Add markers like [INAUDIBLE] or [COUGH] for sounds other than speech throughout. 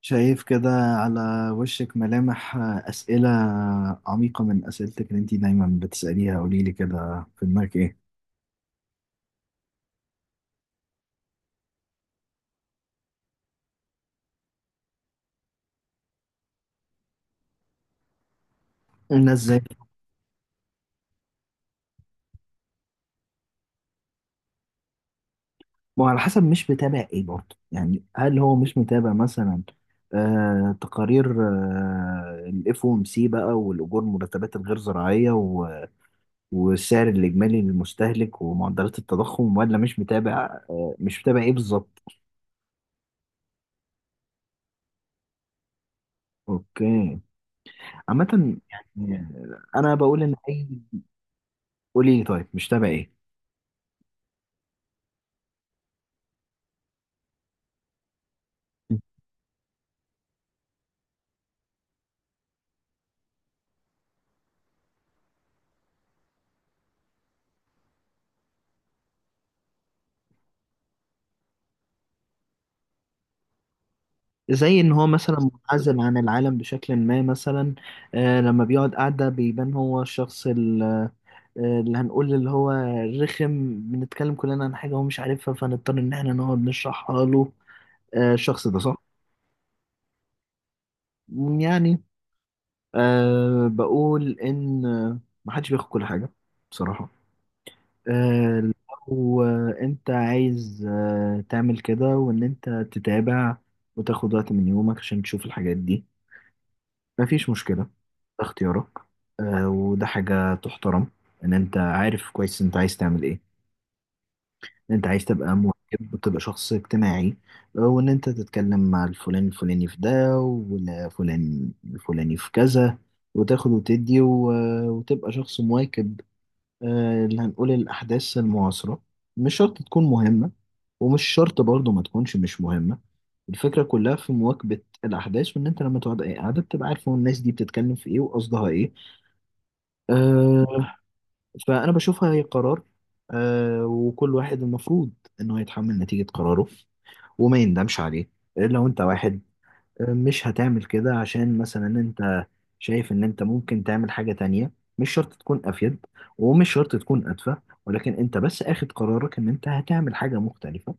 شايف كده على وشك ملامح أسئلة عميقة من أسئلتك اللي أنت دايما بتسأليها، قولي لي كده، في دماغك إيه؟ الناس إزاي؟ وعلى حسب مش متابع إيه برضه؟ يعني هل هو مش متابع مثلا تقارير الاف او ام سي بقى، والأجور، المرتبات الغير زراعية، والسعر الإجمالي للمستهلك، ومعدلات التضخم؟ ولا مش متابع؟ مش متابع إيه بالظبط؟ أوكي، عامة يعني. أنا بقول إن أي... قولي لي، طيب مش تابع إيه؟ زي ان هو مثلا منعزل عن العالم بشكل ما مثلا. لما بيقعد قاعدة بيبان هو الشخص اللي هنقول، اللي هو رخم، بنتكلم كلنا عن حاجة هو مش عارفها فنضطر ان احنا نقعد نشرحها له. الشخص ده، صح؟ يعني، بقول ان محدش بياخد كل حاجة بصراحة. آه لو انت عايز تعمل كده، وان انت تتابع وتاخد وقت من يومك عشان تشوف الحاجات دي، مفيش مشكلة. ده اختيارك. وده حاجة تحترم. ان انت عارف كويس انت عايز تعمل ايه. ان انت عايز تبقى مواكب وتبقى شخص اجتماعي. وان انت تتكلم مع الفلان الفلاني في ده، والفلان الفلاني في كذا، وتاخد وتدي، وتبقى شخص مواكب. اللي هنقول الأحداث المعاصرة. مش شرط تكون مهمة، ومش شرط برضه ما تكونش مش مهمة. الفكرة كلها في مواكبة الأحداث، وإن أنت لما تقعد أي قعدة بتبقى عارف هو الناس دي بتتكلم في إيه وقصدها إيه. أه. فأنا بشوفها هي قرار. أه. وكل واحد المفروض إنه يتحمل نتيجة قراره وما يندمش عليه. لو أنت واحد مش هتعمل كده عشان مثلا انت شايف ان انت ممكن تعمل حاجة تانية، مش شرط تكون افيد ومش شرط تكون ادفع، ولكن انت بس اخد قرارك ان انت هتعمل حاجة مختلفة.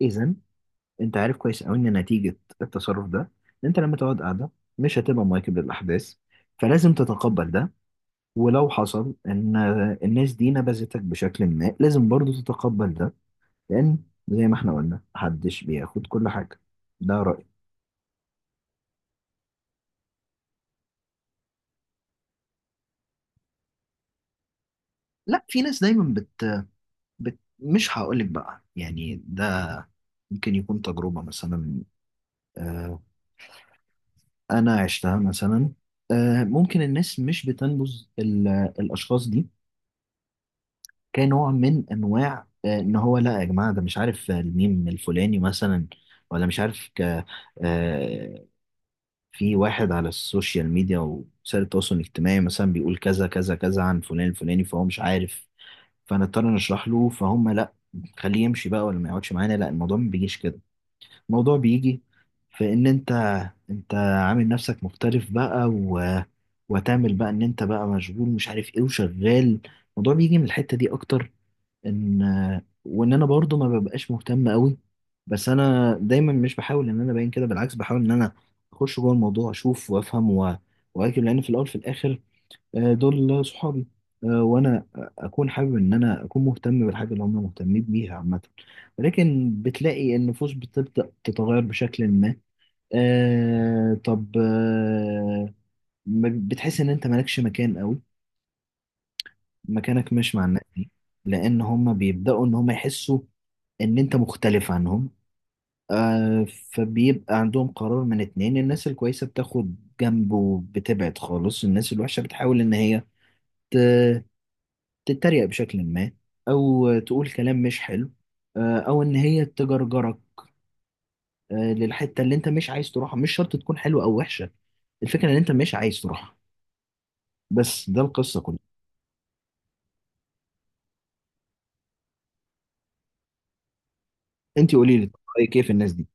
اذا انت عارف كويس قوي ان نتيجة التصرف ده ان انت لما تقعد قاعدة مش هتبقى مواكب للاحداث، فلازم تتقبل ده. ولو حصل ان الناس دي نبذتك بشكل ما لازم برضو تتقبل ده، لان زي ما احنا قلنا محدش بياخد كل حاجة. ده رأيي. لا، في ناس دايما مش هقولك بقى، يعني ده ممكن يكون تجربة مثلا. آه، أنا عشتها مثلا. ممكن الناس مش بتنبذ الأشخاص دي كنوع من أنواع إن هو لا يا جماعة، ده مش عارف الميم الفلاني مثلا، ولا مش عارف آه، في واحد على السوشيال ميديا، وسائل التواصل الاجتماعي، مثلا بيقول كذا كذا كذا عن فلان الفلاني فهو مش عارف، فنضطر نشرح له فهم. لا، خليه يمشي بقى، ولا ما يقعدش معانا، لا. الموضوع ما بيجيش كده. الموضوع بيجي في ان انت، انت عامل نفسك مختلف بقى و... وتعمل بقى ان انت بقى مشغول مش عارف ايه وشغال. الموضوع بيجي من الحتة دي اكتر. ان وان انا برضو ما ببقاش مهتم قوي. بس انا دايما مش بحاول ان انا ابين كده، بالعكس بحاول ان انا اخش جوه الموضوع، اشوف وافهم و... واكل. لان في الاول في الاخر دول صحابي. وانا اكون حابب ان انا اكون مهتم بالحاجه اللي هم مهتمين بيها عامه. ولكن بتلاقي النفوس بتبدا تتغير بشكل ما. آه طب آه بتحس ان انت مالكش مكان قوي، مكانك مش مع الناس دي. لان هم بيبداوا ان هم يحسوا ان انت مختلف عنهم. آه فبيبقى عندهم قرار من اتنين. الناس الكويسة بتاخد جنب وبتبعد خالص. الناس الوحشة بتحاول ان هي تتريق بشكل ما، او تقول كلام مش حلو. او ان هي تجرجرك للحته اللي انت مش عايز تروحها. مش شرط تكون حلوه او وحشه، الفكره ان انت مش عايز تروحها. بس ده القصه كلها. انت قولي لي رايك ايه في الناس دي.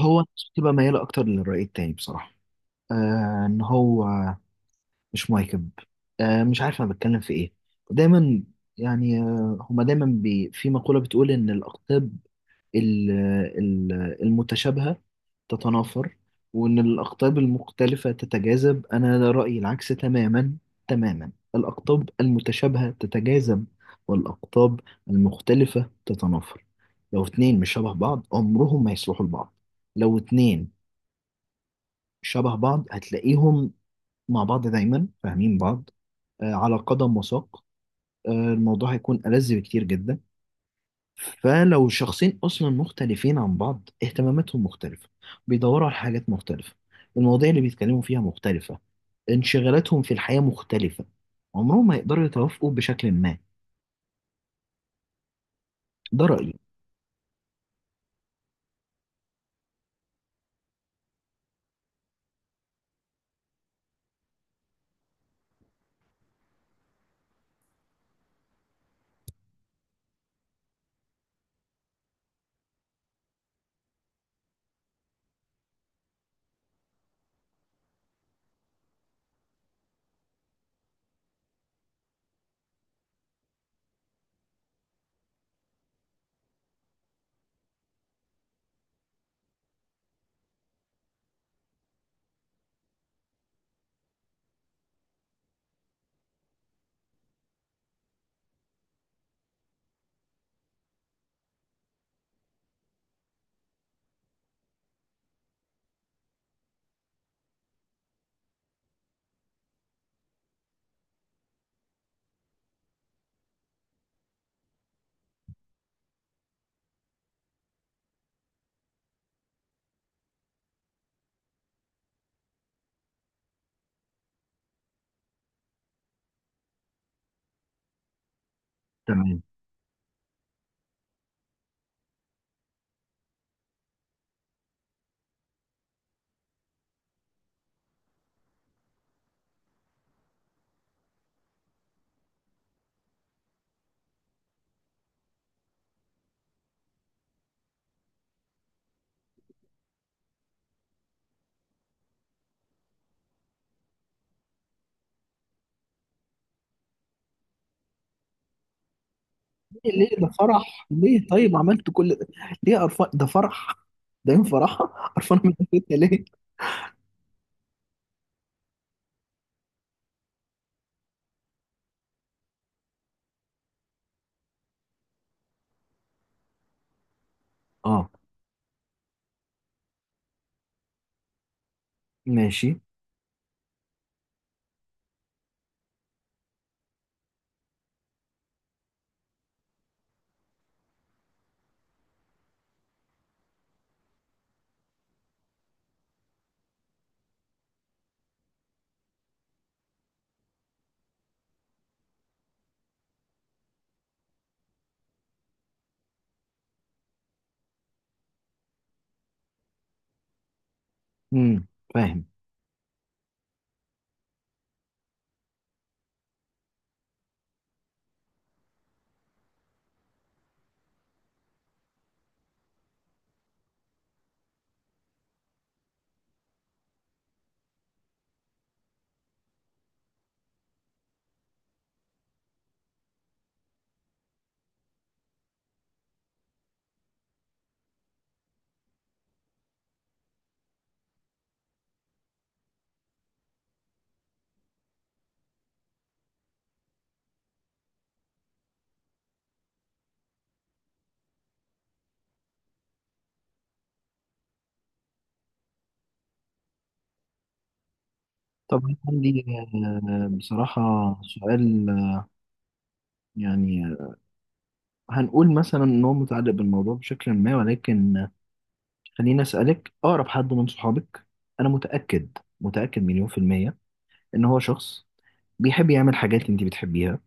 هو الناس بتبقى مياله اكتر للراي التاني بصراحه. ان هو مش مواكب. مش عارف انا بتكلم في ايه دايما. يعني هما دايما بي في مقوله بتقول ان الاقطاب ال- المتشابهة تتنافر، وإن الأقطاب المختلفة تتجاذب. أنا رأيي العكس تماما. تماما الأقطاب المتشابهة تتجاذب، والأقطاب المختلفة تتنافر. لو اتنين مش شبه بعض عمرهم ما يصلحوا لبعض. لو اتنين شبه بعض هتلاقيهم مع بعض دايما فاهمين بعض. على قدم وساق. الموضوع هيكون ألذ بكتير جدا. فلو شخصين اصلا مختلفين عن بعض، اهتماماتهم مختلفه، بيدوروا على حاجات مختلفه، المواضيع اللي بيتكلموا فيها مختلفه، انشغالاتهم في الحياه مختلفه، عمرهم ما يقدروا يتوافقوا بشكل ما. ده رايي. تمام. ليه؟ ليه ده فرح؟ ليه طيب عملت كل ده؟ ليه قرفان؟ ده فرح، ده يوم فرحة. قرفانة من البيت [LAUGHS] ليه؟ اه، ماشي. امم، فاهم. طب أنا عندي بصراحة سؤال يعني هنقول مثلا ان هو متعلق بالموضوع بشكل ما، ولكن خليني اسالك. اقرب حد من صحابك، انا متاكد، متاكد مليون في الميه، ان هو شخص بيحب يعمل حاجات انت بتحبيها،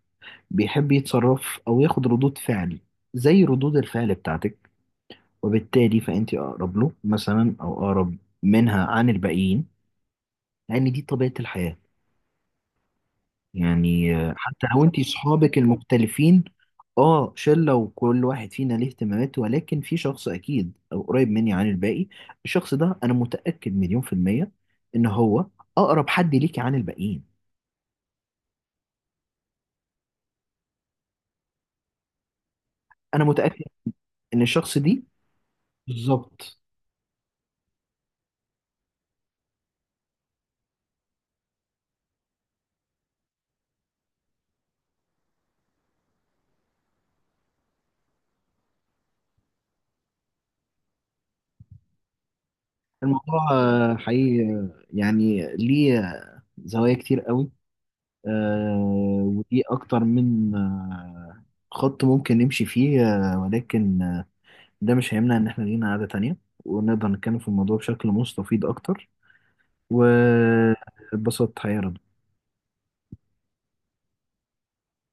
بيحب يتصرف او ياخد ردود فعل زي ردود الفعل بتاعتك، وبالتالي فانت اقرب له مثلا، او اقرب منها عن الباقيين. لان دي طبيعه الحياه. يعني حتى لو انت صحابك المختلفين... اه، شلة وكل واحد فينا ليه اهتمامات، ولكن في شخص اكيد او قريب مني عن الباقي. الشخص ده انا متأكد مليون في المية ان هو اقرب حد ليكي عن الباقيين. انا متأكد ان الشخص دي بالظبط. الموضوع حقيقي يعني ليه زوايا كتير قوي. آه، ودي اكتر من خط ممكن نمشي فيه. ولكن ده مش هيمنع إن إحنا لينا قعدة تانية، ونقدر نتكلم في الموضوع بشكل مستفيض أكتر. واتبسطت حقيقة يا رضا.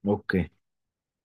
أوكي